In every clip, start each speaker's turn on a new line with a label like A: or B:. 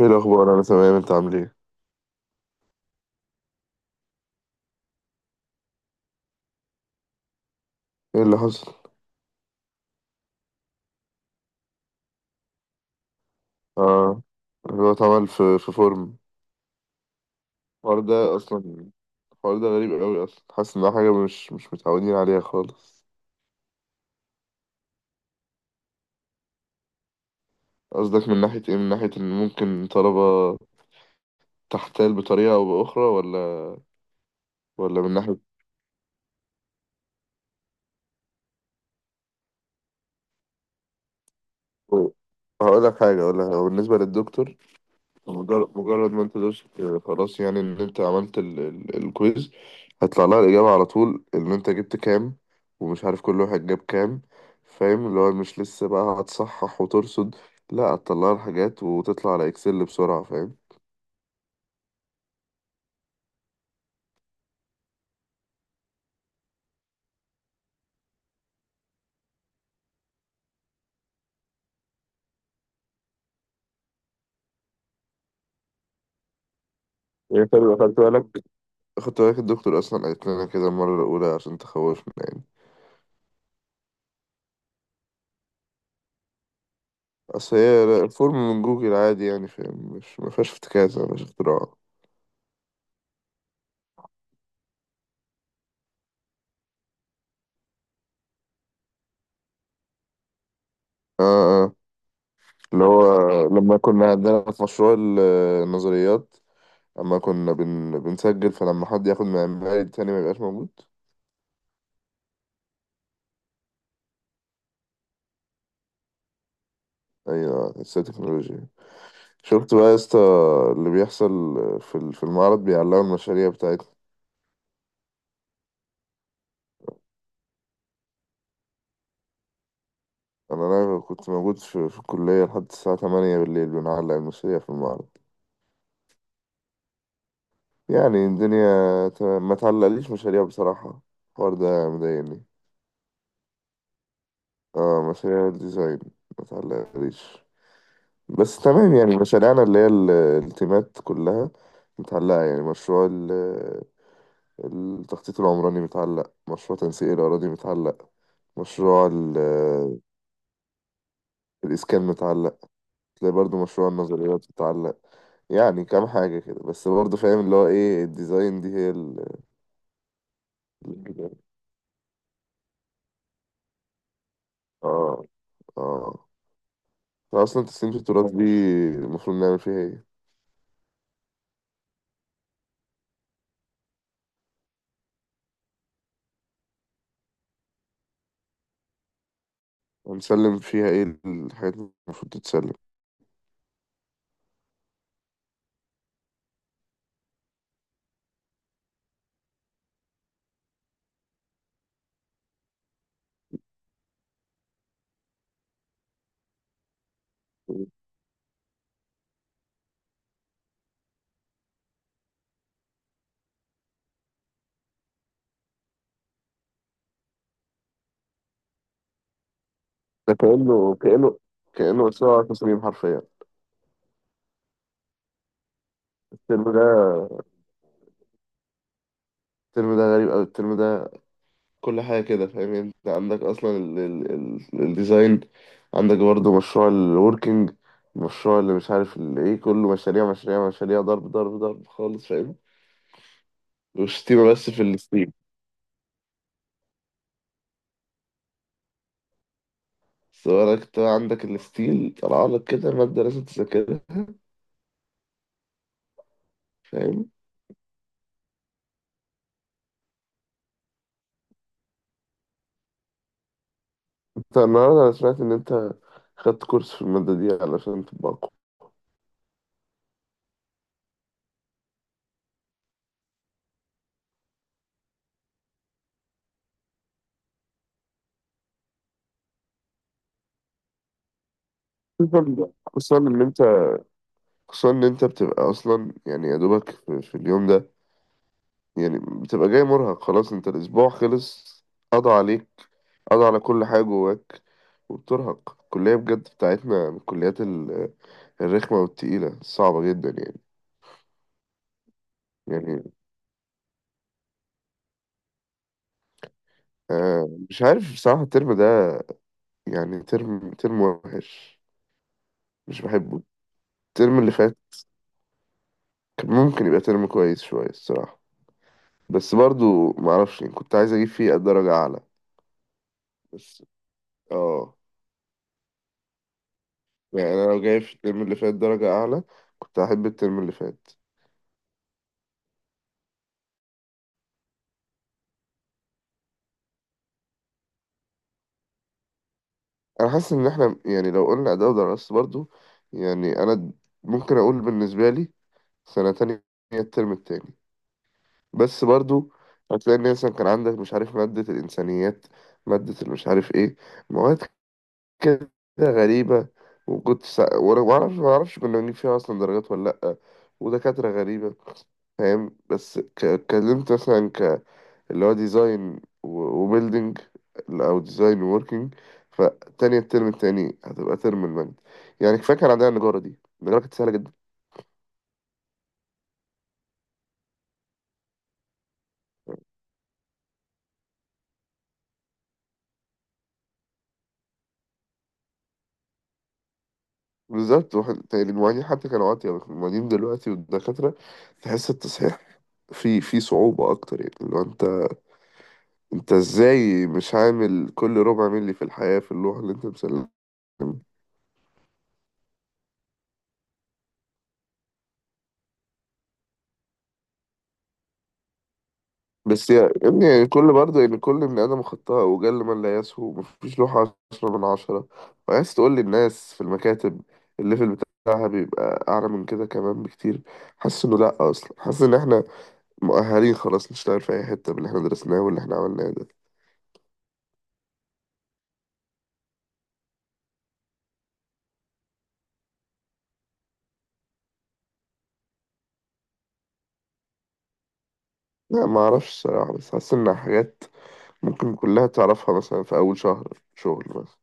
A: ايه الاخبار؟ انا تمام، انت عامل ايه؟ ايه اللي حصل؟ اه. هو اتعمل في فورم. الحوار ده اصلا، الحوار ده غريب قوي اصلا، حاسس انها حاجه مش متعودين عليها خالص. قصدك من ناحيه ايه؟ من ناحيه ان ممكن طلبه تحتال بطريقه او باخرى، ولا... ولا من ناحيه؟ طيب، هقول لك حاجه ولا بالنسبه للدكتور، مجرد ما انت دوست، خلاص يعني ان انت عملت الكويز، هيطلع لها الإجابة على طول ان انت جبت كام، ومش عارف كل واحد جاب كام. فاهم؟ اللي هو مش لسه بقى هتصحح وترصد، لا، هتطلع لها الحاجات وتطلع على اكسل بسرعة. فاهم؟ يعني انت لو خدت بالك، خدت بالك الدكتور اصلا قالت لنا كده المرة الاولى عشان تخوفنا يعني. اصل هي الفورم من جوجل عادي يعني، فاهم؟ مش ما فيهاش افتكاسة، مش اختراع. اه، اه، اللي هو لما كنا عندنا في مشروع النظريات، اما كنا بنسجل، فلما حد ياخد معماري التاني ما يبقاش موجود. ايوه، لسه تكنولوجيا. شفت بقى يا اسطى اللي بيحصل في في المعرض بيعلقوا المشاريع بتاعتنا. انا كنت موجود في الكليه لحد الساعه 8 بالليل بنعلق المشاريع في المعرض. يعني الدنيا تمام، ما تعلقليش مشاريع بصراحه. الحوار ده مضايقني. اه، مشاريع الديزاين ما تعلقليش. بس تمام، يعني مشاريعنا اللي هي التيمات كلها متعلقة. يعني مشروع التخطيط العمراني متعلق، مشروع تنسيق الأراضي متعلق، مشروع الإسكان متعلق، تلاقي برضو مشروع النظريات متعلق. يعني كام حاجة كده، بس برضو فاهم اللي هو إيه، الديزاين دي هي ال- آه آه أصلا تسليمة التراث دي المفروض نعمل فيها إيه؟ هنسلم فيها إيه، الحاجات اللي المفروض تتسلم؟ ده كأنه مشروع تصميم حرفيا. الترم ده، الترم ده غريب أوي، الترم ده كل حاجة كده، فاهم؟ يعني انت عندك اصلا الديزاين، عندك برضه مشروع الوركينج، مشروع اللي مش عارف الايه، كله مشاريع مشاريع مشاريع، ضرب ضرب ضرب خالص، فاهم؟ والشتيمة بس في الستيل. سواء انت عندك الستيل، طلع لك كده مادة لازم تذاكرها، فاهم؟ انت النهارده انا سمعت ان انت خدت كورس في المادة دي علشان تبقى أقوى. خصوصا خصوصا ان انت خصوصا ان انت بتبقى اصلا يعني يا دوبك في اليوم ده. يعني بتبقى جاي مرهق خلاص، انت الاسبوع خلص، قضى عليك، قضى على كل حاجة جواك، وبترهق. الكلية بجد بتاعتنا من الكليات الرخمة والتقيلة الصعبة جدا يعني. يعني، آه، مش عارف بصراحة. الترم ده يعني ترم ترم وحش، مش بحبه. الترم اللي فات كان ممكن يبقى ترم كويس شوية الصراحة، بس برضو معرفش يعني، كنت عايز أجيب فيه درجة أعلى. بس، اه، يعني أنا لو جايب في الترم اللي فات درجة أعلى كنت أحب الترم اللي فات. انا حاسس ان احنا يعني لو قلنا اداء ودراسة برضو، يعني انا ممكن اقول بالنسبه لي سنه تانية، هي الترم التاني. بس برضو هتلاقي ان مثلا كان عندك مش عارف ماده الانسانيات، ماده المش عارف ايه، مواد كده غريبه، وكنت وانا ما اعرفش كنا بنجيب فيها اصلا درجات ولا لا، ودكاتره غريبه. فاهم؟ بس اتكلمت مثلا اللي هو ديزاين وبيلدينج او ديزاين ووركينج، فتاني الترم التاني هتبقى ترم المانجا. يعني كفايه كان عندنا النجاره دي، النجاره كانت سهله جدا. بالظبط تاني المعيدين حتى كانوا عاطية، المعيدين دلوقتي والدكاترة تحس التصحيح في صعوبة أكتر، يعني اللي هو أنت، أنت إزاي مش عامل كل ربع ملي في الحياة في اللوحة اللي أنت مسلمها؟ بس يا ابني، يعني كل برضه يعني كل بني آدم خطاء، وجل من لا يسهو، مفيش لوحة عشرة من عشرة. وعايز تقول للناس في المكاتب الليفل بتاعها بيبقى أعلى من كده كمان بكتير. حاسس إنه لأ، أصلا حاسس إن إحنا مؤهلين خلاص نشتغل في أي حتة باللي إحنا درسناه واللي إحنا عملناه ده. لا، معرفش الصراحة، بس حاسس إن حاجات ممكن كلها تعرفها مثلا في أول شهر شغل مثلا.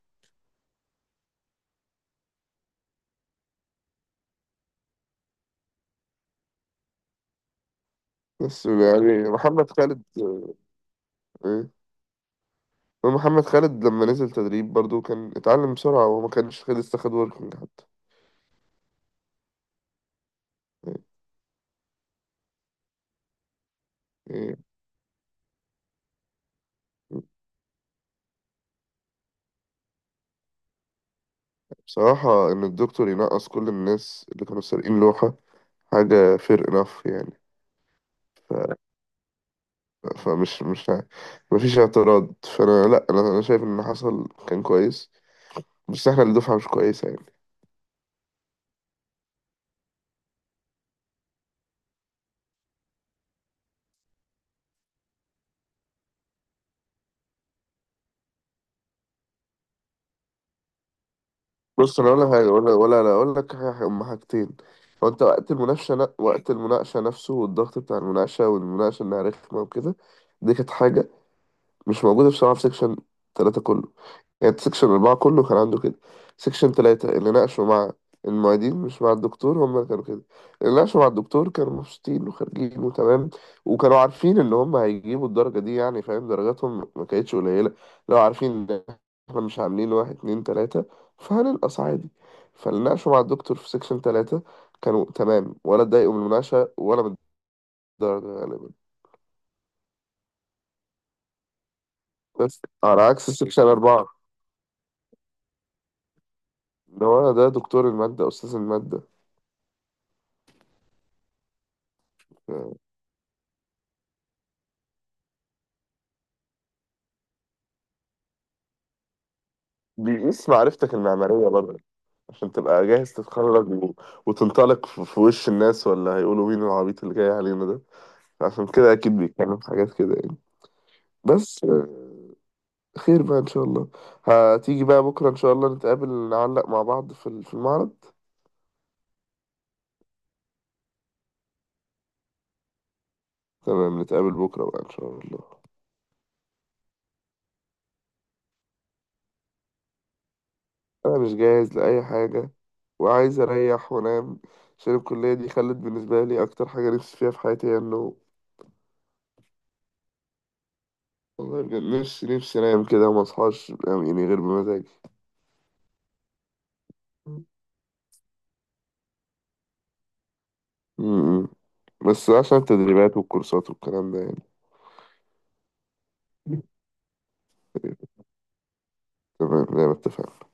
A: بس يعني محمد خالد... إيه؟ محمد خالد لما نزل تدريب برضو كان اتعلم بسرعة وما كانش خد لسه، خد وركينج يعني. بصراحة إن الدكتور ينقص كل الناس اللي كانوا سارقين لوحة حاجة fair enough يعني. ف... فمش مش ه- مفيش اعتراض، فأنا لأ، أنا شايف إن اللي حصل كان كويس، بس إحنا اللي دفعة مش كويسة يعني. بص أنا أقول لك حاجة، ولا لا أقول لك حاجة، هما حاجتين. هو أنت وقت المناقشة وقت المناقشة نفسه والضغط بتاع المناقشة والمناقشة إنها رخمة وكده، دي كانت حاجة مش موجودة بصراحة في سكشن تلاتة كله، كانت سكشن أربعة كله كان عنده كده. سكشن تلاتة اللي ناقشوا مع المعيدين مش مع الدكتور هم اللي كانوا كده. اللي ناقشوا مع الدكتور كانوا مبسوطين وخارجين وتمام، وكانوا عارفين إن هم هيجيبوا الدرجة دي يعني، فاهم؟ درجاتهم ما كانتش قليلة، لو عارفين إن إحنا مش عاملين واحد اتنين تلاتة فهننقص عادي. فاللي ناقشوا مع الدكتور في سكشن تلاتة كانوا تمام، ولا اتضايقوا من المناقشة ولا من الدرجة غالبا. بس على عكس سكشن أربعة، اللي هو ده دكتور المادة، أستاذ المادة، بيقيس معرفتك المعمارية برضه عشان تبقى جاهز تتخرج و... وتنطلق في وش الناس، ولا هيقولوا مين العبيط اللي جاي علينا ده. عشان كده أكيد بيتكلم في حاجات كده يعني. بس خير بقى إن شاء الله، هتيجي بقى بكرة إن شاء الله نتقابل، نعلق مع بعض في في المعرض. تمام، نتقابل بكرة بقى إن شاء الله. أنا مش جاهز لأي حاجة، وعايز أريح وأنام، عشان الكلية دي خلت بالنسبة لي أكتر حاجة نفسي فيها في حياتي هي النوم. والله بجد، نفسي نفسي أنام كده وما أصحاش يعني، غير بمزاجي. م- م. بس عشان التدريبات والكورسات والكلام ده يعني. تمام، زي ما اتفقنا.